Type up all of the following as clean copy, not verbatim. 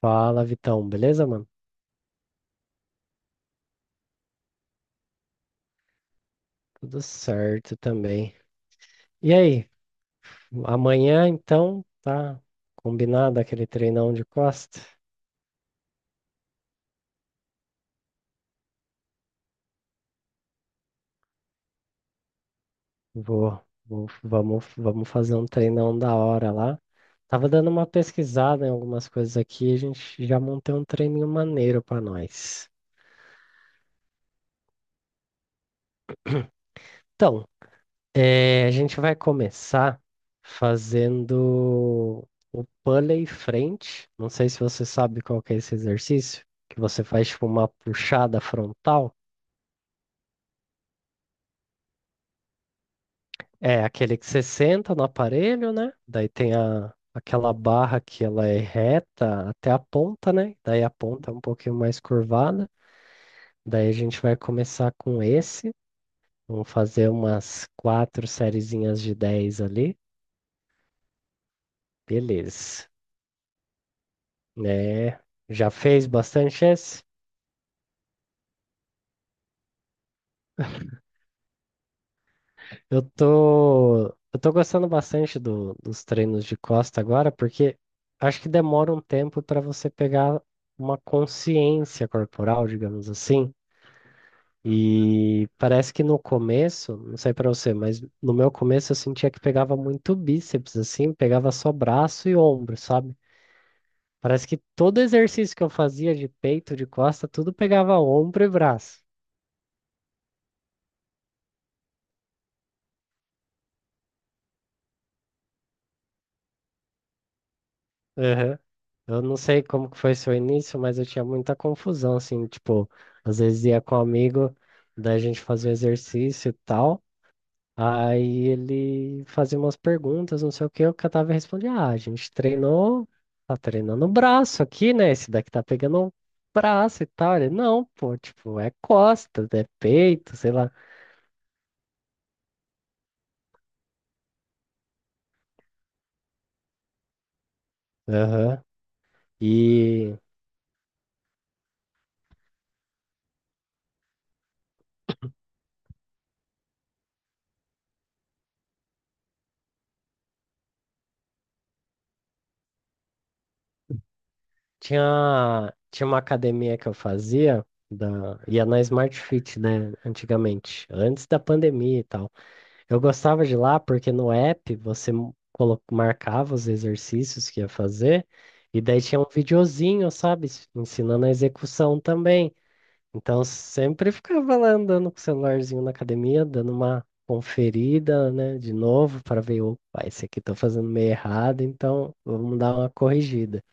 Fala, Vitão, beleza, mano? Tudo certo também. E aí, amanhã então tá combinado aquele treinão de costa? Vamos fazer um treinão da hora lá. Tava dando uma pesquisada em algumas coisas aqui, a gente já montou um treininho maneiro pra nós. Então, é, a gente vai começar fazendo o pulley frente. Não sei se você sabe qual que é esse exercício, que você faz tipo uma puxada frontal. É aquele que você senta no aparelho, né? Daí tem aquela barra que ela é reta até a ponta, né? Daí a ponta é um pouquinho mais curvada. Daí a gente vai começar com esse. Vamos fazer umas quatro sériezinhas de 10 ali. Beleza. É, já fez bastante esse? Eu tô gostando bastante dos treinos de costa agora, porque acho que demora um tempo para você pegar uma consciência corporal, digamos assim. E parece que no começo, não sei para você, mas no meu começo eu sentia que pegava muito bíceps, assim, pegava só braço e ombro, sabe? Parece que todo exercício que eu fazia de peito, de costa, tudo pegava ombro e braço. Eu não sei como que foi seu início, mas eu tinha muita confusão, assim, tipo, às vezes ia com um amigo, daí a gente fazia exercício e tal, aí ele fazia umas perguntas, não sei o que, eu catava e respondia, ah, a gente treinou, tá treinando o braço aqui, né, esse daqui tá pegando o braço e tal, ele, não, pô, tipo, é costa, é peito, sei lá. Aham. E tinha uma academia que eu fazia, ia na Smart Fit, né, antigamente, antes da pandemia e tal. Eu gostava de ir lá porque no app você marcava os exercícios que ia fazer, e daí tinha um videozinho, sabe, ensinando a execução também. Então sempre ficava lá andando com o celularzinho na academia, dando uma conferida, né, de novo, para ver, opa, esse aqui tô fazendo meio errado, então vamos dar uma corrigida.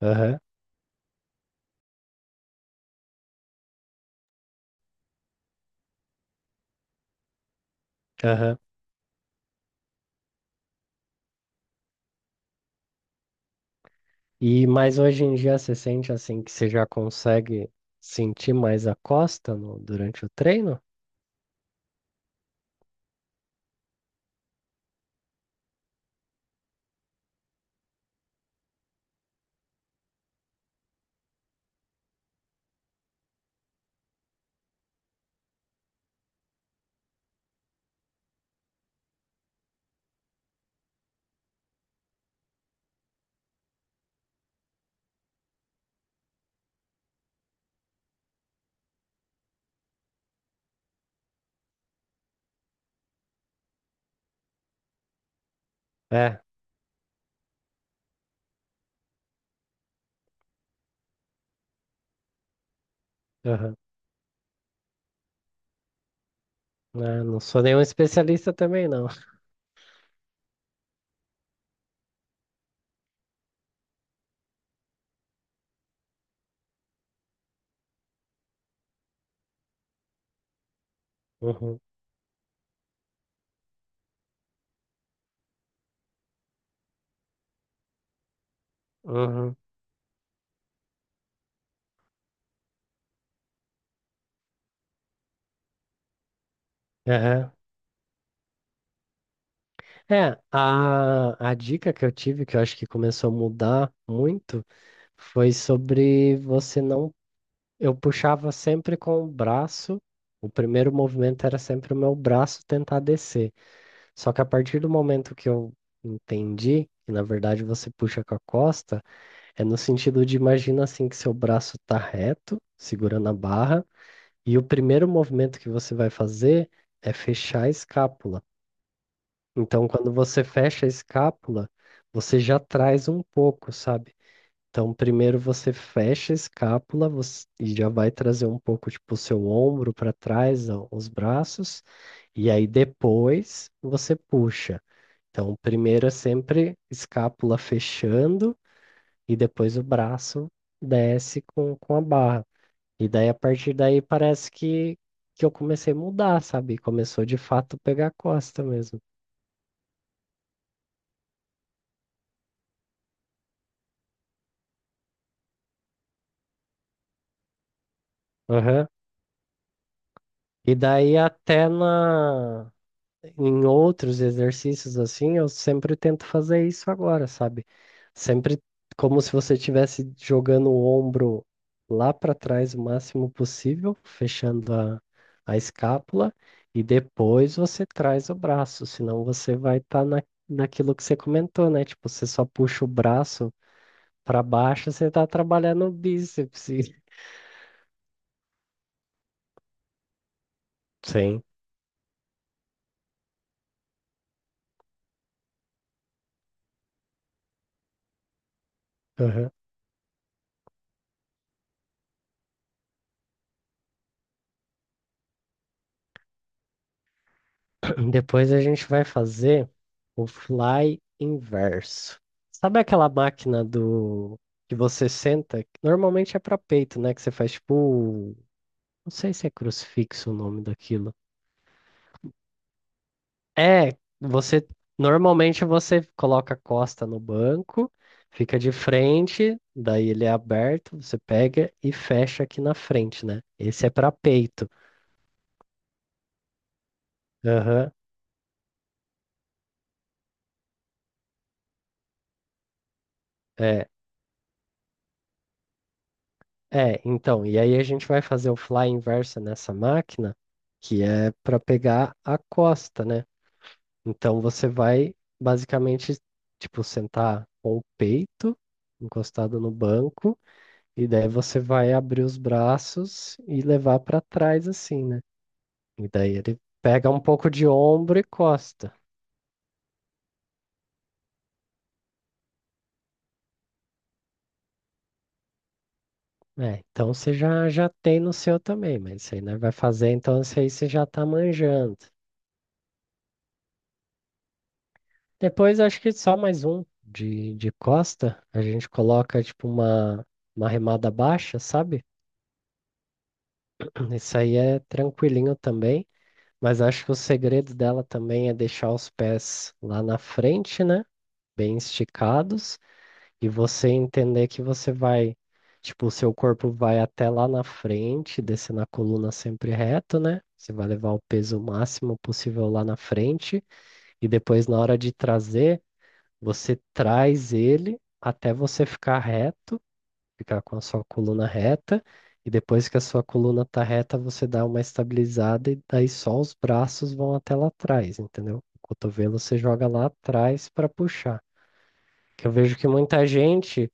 Aham, aham. E mas hoje em dia você sente assim que você já consegue sentir mais a costa durante o treino? É, aham. Ah, não sou nenhum especialista também, não. Uhum, uhum, aham. A dica que eu tive, que eu acho que começou a mudar muito, foi sobre você não. Eu puxava sempre com o braço, o primeiro movimento era sempre o meu braço tentar descer. Só que a partir do momento que eu entendi que, na verdade, você puxa com a costa, é no sentido de imagina assim que seu braço está reto, segurando a barra, e o primeiro movimento que você vai fazer é fechar a escápula. Então, quando você fecha a escápula, você já traz um pouco, sabe? Então, primeiro você fecha a escápula você- e já vai trazer um pouco, tipo, o seu ombro para trás, ó, os braços, e aí depois você puxa. Então, primeiro é sempre escápula fechando e depois o braço desce com a barra. E daí, a partir daí, parece que eu comecei a mudar, sabe? Começou de fato pegar a costa mesmo. Aham. E daí, em outros exercícios assim, eu sempre tento fazer isso agora, sabe? Sempre como se você estivesse jogando o ombro lá para trás o máximo possível, fechando a escápula, e depois você traz o braço, senão você vai estar naquilo que você comentou, né? Tipo, você só puxa o braço para baixo, você tá trabalhando o bíceps. Sim. Depois a gente vai fazer o fly inverso. Sabe aquela máquina do que você senta? Que Normalmente é para peito, né? Que você faz tipo, não sei se é crucifixo o nome daquilo. É, você normalmente você coloca a costa no banco, fica de frente, daí ele é aberto, você pega e fecha aqui na frente, né? Esse é para peito. Aham. É. É, então, e aí a gente vai fazer o fly inversa nessa máquina, que é para pegar a costa, né? Então você vai basicamente, tipo, sentar com o peito encostado no banco, e daí você vai abrir os braços e levar para trás, assim, né? E daí ele pega um pouco de ombro e costa. É, então você já, já tem no seu também, mas isso aí, né? Vai fazer, então isso aí você já tá manjando. Depois acho que só mais um de costa. A gente coloca tipo uma remada baixa, sabe? Isso aí é tranquilinho também. Mas acho que o segredo dela também é deixar os pés lá na frente, né? Bem esticados. E você entender que você vai, tipo, o seu corpo vai até lá na frente, descendo a coluna sempre reto, né? Você vai levar o peso máximo possível lá na frente. E depois, na hora de trazer, você traz ele até você ficar reto, ficar com a sua coluna reta, e depois que a sua coluna tá reta, você dá uma estabilizada e daí só os braços vão até lá atrás, entendeu? O cotovelo você joga lá atrás para puxar. Que eu vejo que muita gente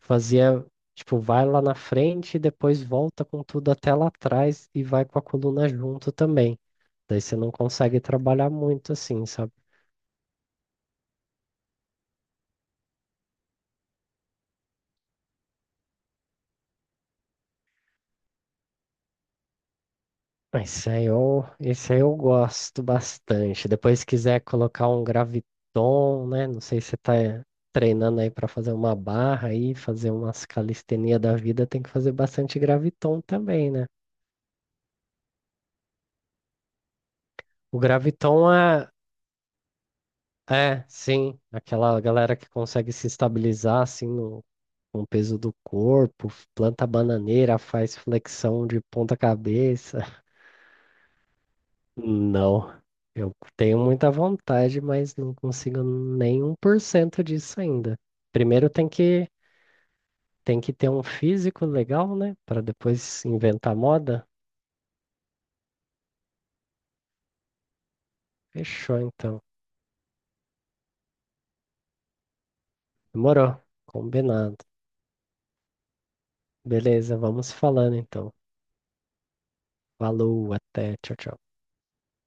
fazia, tipo, vai lá na frente e depois volta com tudo até lá atrás e vai com a coluna junto também. Daí você não consegue trabalhar muito assim, sabe? Ah, esse aí eu gosto bastante. Depois, se quiser colocar um graviton, né? Não sei se você tá treinando aí para fazer uma barra aí, fazer umas calistenia da vida, tem que fazer bastante graviton também, né? O graviton é, sim, aquela galera que consegue se estabilizar assim no, com o peso do corpo, planta bananeira, faz flexão de ponta cabeça. Não, eu tenho muita vontade, mas não consigo nem 1% disso ainda. Primeiro tem que ter um físico legal, né? Para depois inventar moda. Fechou, então. Demorou. Combinado. Beleza, vamos falando então. Falou, até, tchau, tchau.